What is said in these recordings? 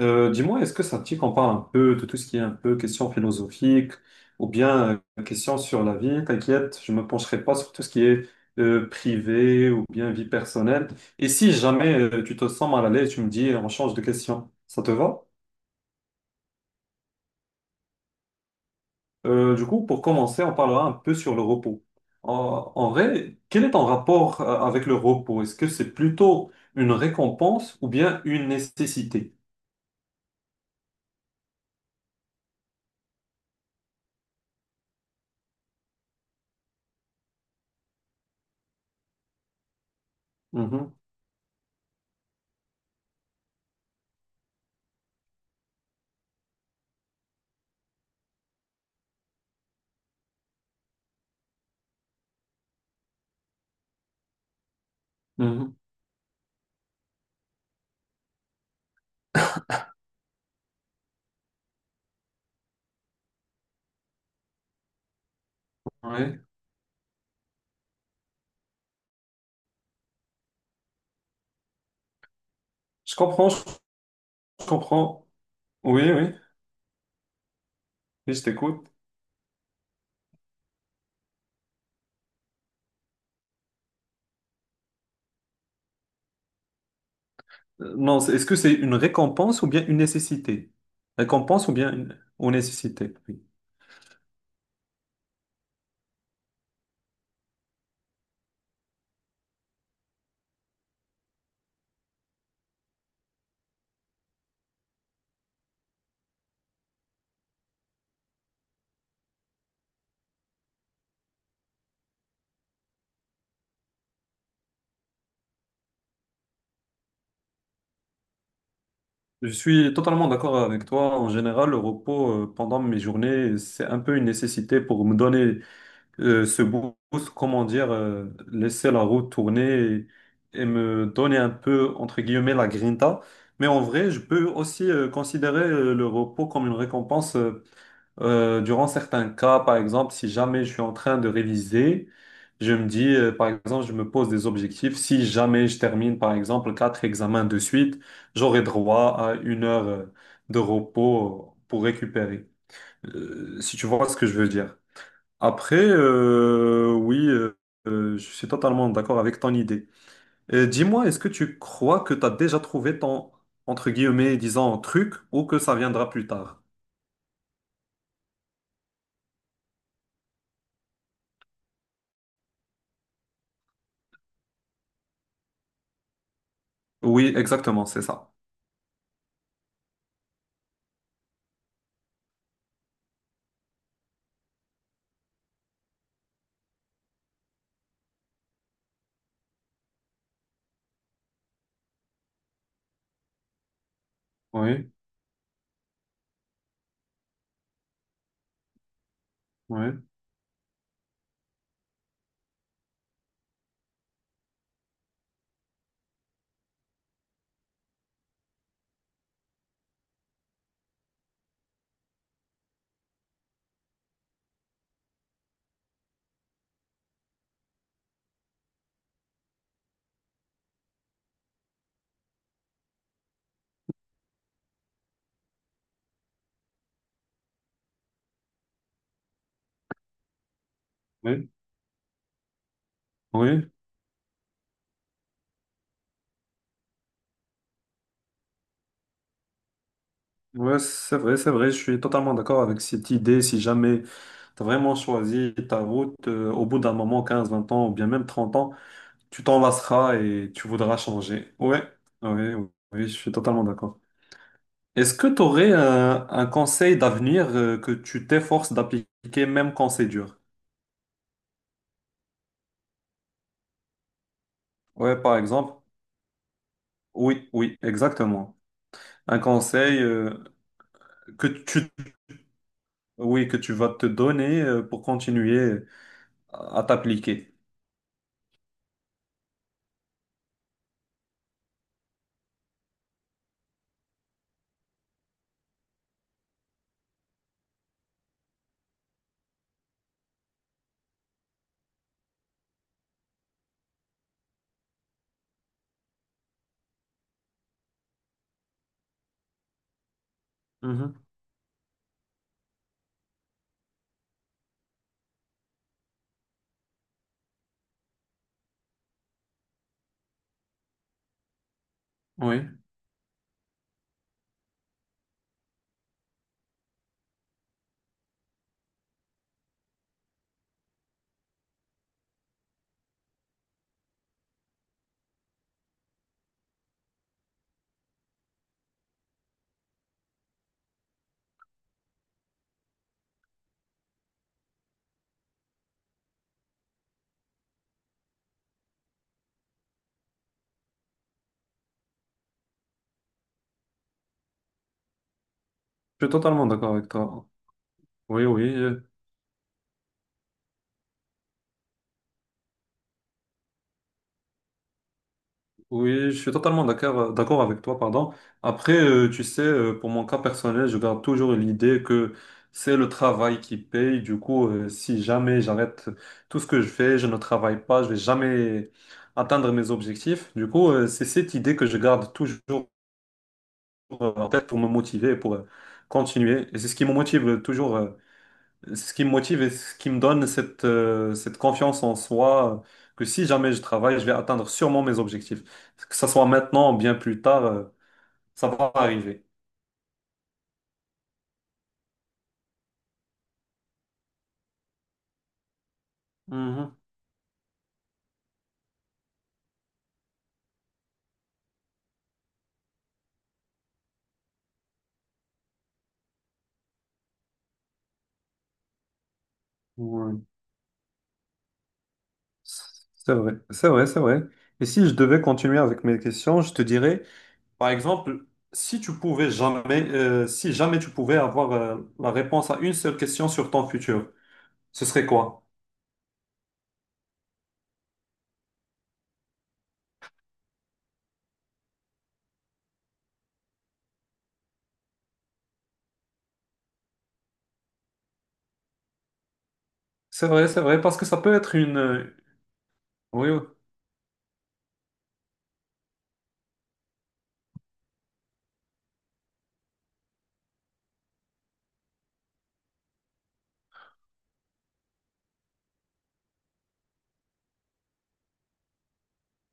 Dis-moi, est-ce que ça te dit qu'on parle un peu de tout ce qui est un peu question philosophique ou bien question sur la vie? T'inquiète, je me pencherai pas sur tout ce qui est privé ou bien vie personnelle. Et si jamais tu te sens mal à l'aise, tu me dis, on change de question. Ça te va? Du coup, pour commencer, on parlera un peu sur le repos. En vrai, quel est ton rapport avec le repos? Est-ce que c'est plutôt une récompense ou bien une nécessité? Mhm, mhm, ouais. Je comprends. Oui, oui. Oui, je t'écoute. Non, c'est- est-ce que c'est une récompense ou bien une nécessité? Récompense ou bien une, ou nécessité, oui. Je suis totalement d'accord avec toi. En général, le repos pendant mes journées, c'est un peu une nécessité pour me donner ce boost, comment dire, laisser la roue tourner et me donner un peu, entre guillemets, la grinta. Mais en vrai, je peux aussi considérer le repos comme une récompense durant certains cas. Par exemple, si jamais je suis en train de réviser, je me dis, par exemple, je me pose des objectifs. Si jamais je termine, par exemple, quatre examens de suite, j'aurai droit à une heure de repos pour récupérer. Si tu vois ce que je veux dire. Après, oui, je suis totalement d'accord avec ton idée. Dis-moi, est-ce que tu crois que tu as déjà trouvé ton, entre guillemets, disons, truc ou que ça viendra plus tard? Oui, exactement, c'est ça. Oui, oui, oui, oui, ouais, c'est vrai, je suis totalement d'accord avec cette idée. Si jamais tu as vraiment choisi ta route, au bout d'un moment, 15, 20 ans ou bien même 30 ans, tu t'en lasseras et tu voudras changer. Oui, oui, oui, je suis totalement d'accord. Est-ce que tu aurais un conseil d'avenir que tu t'efforces d'appliquer même quand c'est dur? Ouais, par exemple. Oui, oui, exactement. Un conseil que tu, oui, que tu vas te donner pour continuer à t'appliquer. Mhm. Oui, je suis totalement d'accord avec toi. Oui, oui. Oui, je suis totalement d'accord avec toi, pardon. Après, tu sais, pour mon cas personnel, je garde toujours l'idée que c'est le travail qui paye. Du coup, si jamais j'arrête tout ce que je fais, je ne travaille pas, je vais jamais atteindre mes objectifs. Du coup, c'est cette idée que je garde toujours en tête pour me motiver, et pour continuer. Et c'est ce qui me motive toujours. Ce qui me motive et ce qui me donne cette confiance en soi, que si jamais je travaille, je vais atteindre sûrement mes objectifs. Que ça soit maintenant ou bien plus tard, ça va arriver. Mhm. Ouais. C'est vrai, c'est vrai, c'est vrai. Et si je devais continuer avec mes questions, je te dirais, par exemple, si tu pouvais jamais, si jamais tu pouvais avoir, la réponse à une seule question sur ton futur, ce serait quoi? C'est vrai, parce que ça peut être une... Oui,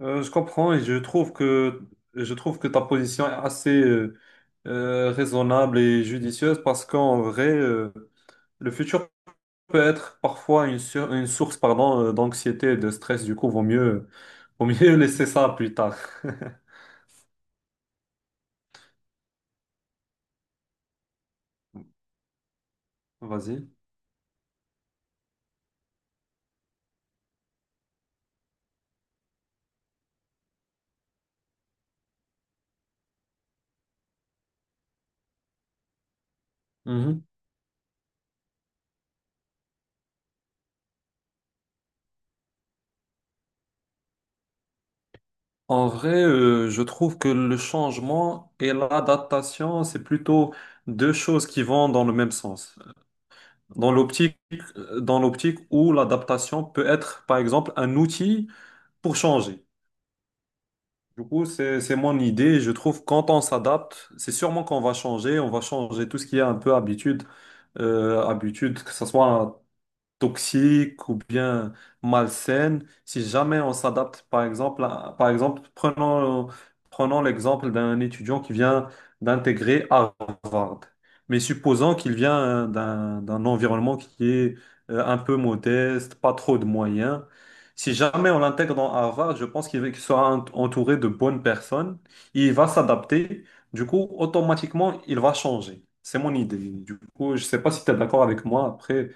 Je comprends et je trouve que ta position est assez raisonnable et judicieuse parce qu'en vrai, le futur peut être parfois une, sur- une source pardon, d'anxiété et de stress. Du coup, vaut mieux, vaut mieux laisser ça plus tard. Vas-y. Mhm. En vrai, je trouve que le changement et l'adaptation, c'est plutôt deux choses qui vont dans le même sens. Dans l'optique, Dans l'optique où l'adaptation peut être, par exemple, un outil pour changer. Du coup, c'est mon idée. Je trouve que quand on s'adapte, c'est sûrement qu'on va changer. On va changer tout ce qui est un peu habitude. Habitude, que ce soit toxiques ou bien malsaines, si jamais on s'adapte, par exemple, à- par exemple, prenons, prenons l'exemple d'un étudiant qui vient d'intégrer Harvard. Mais supposons qu'il vient d'un, d'un environnement qui est un peu modeste, pas trop de moyens. Si jamais on l'intègre dans Harvard, je pense qu'il va- qu'il sera ent- entouré de bonnes personnes. Il va s'adapter. Du coup, automatiquement, il va changer. C'est mon idée. Du coup, je ne sais pas si tu es d'accord avec moi après.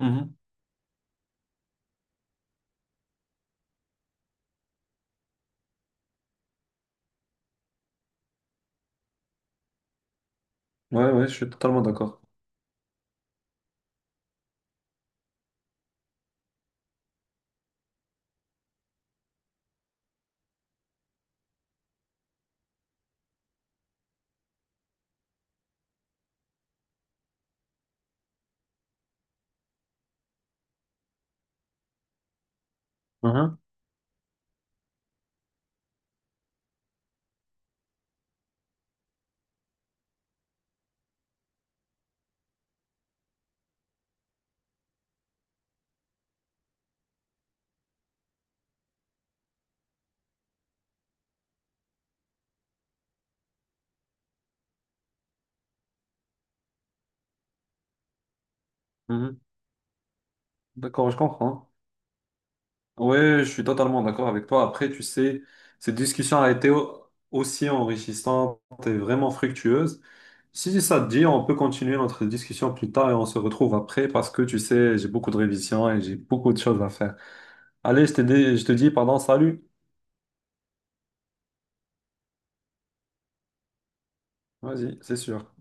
Mhm. Ouais, ouais, je suis totalement d'accord. Mhm, mhm. D'accord, je comprends. Hein. Ouais, je suis totalement d'accord avec toi. Après, tu sais, cette discussion a été au- aussi enrichissante et vraiment fructueuse. Si ça te dit, on peut continuer notre discussion plus tard et on se retrouve après parce que tu sais, j'ai beaucoup de révisions et j'ai beaucoup de choses à faire. Allez, je te dis, pardon, salut. Vas-y, c'est sûr.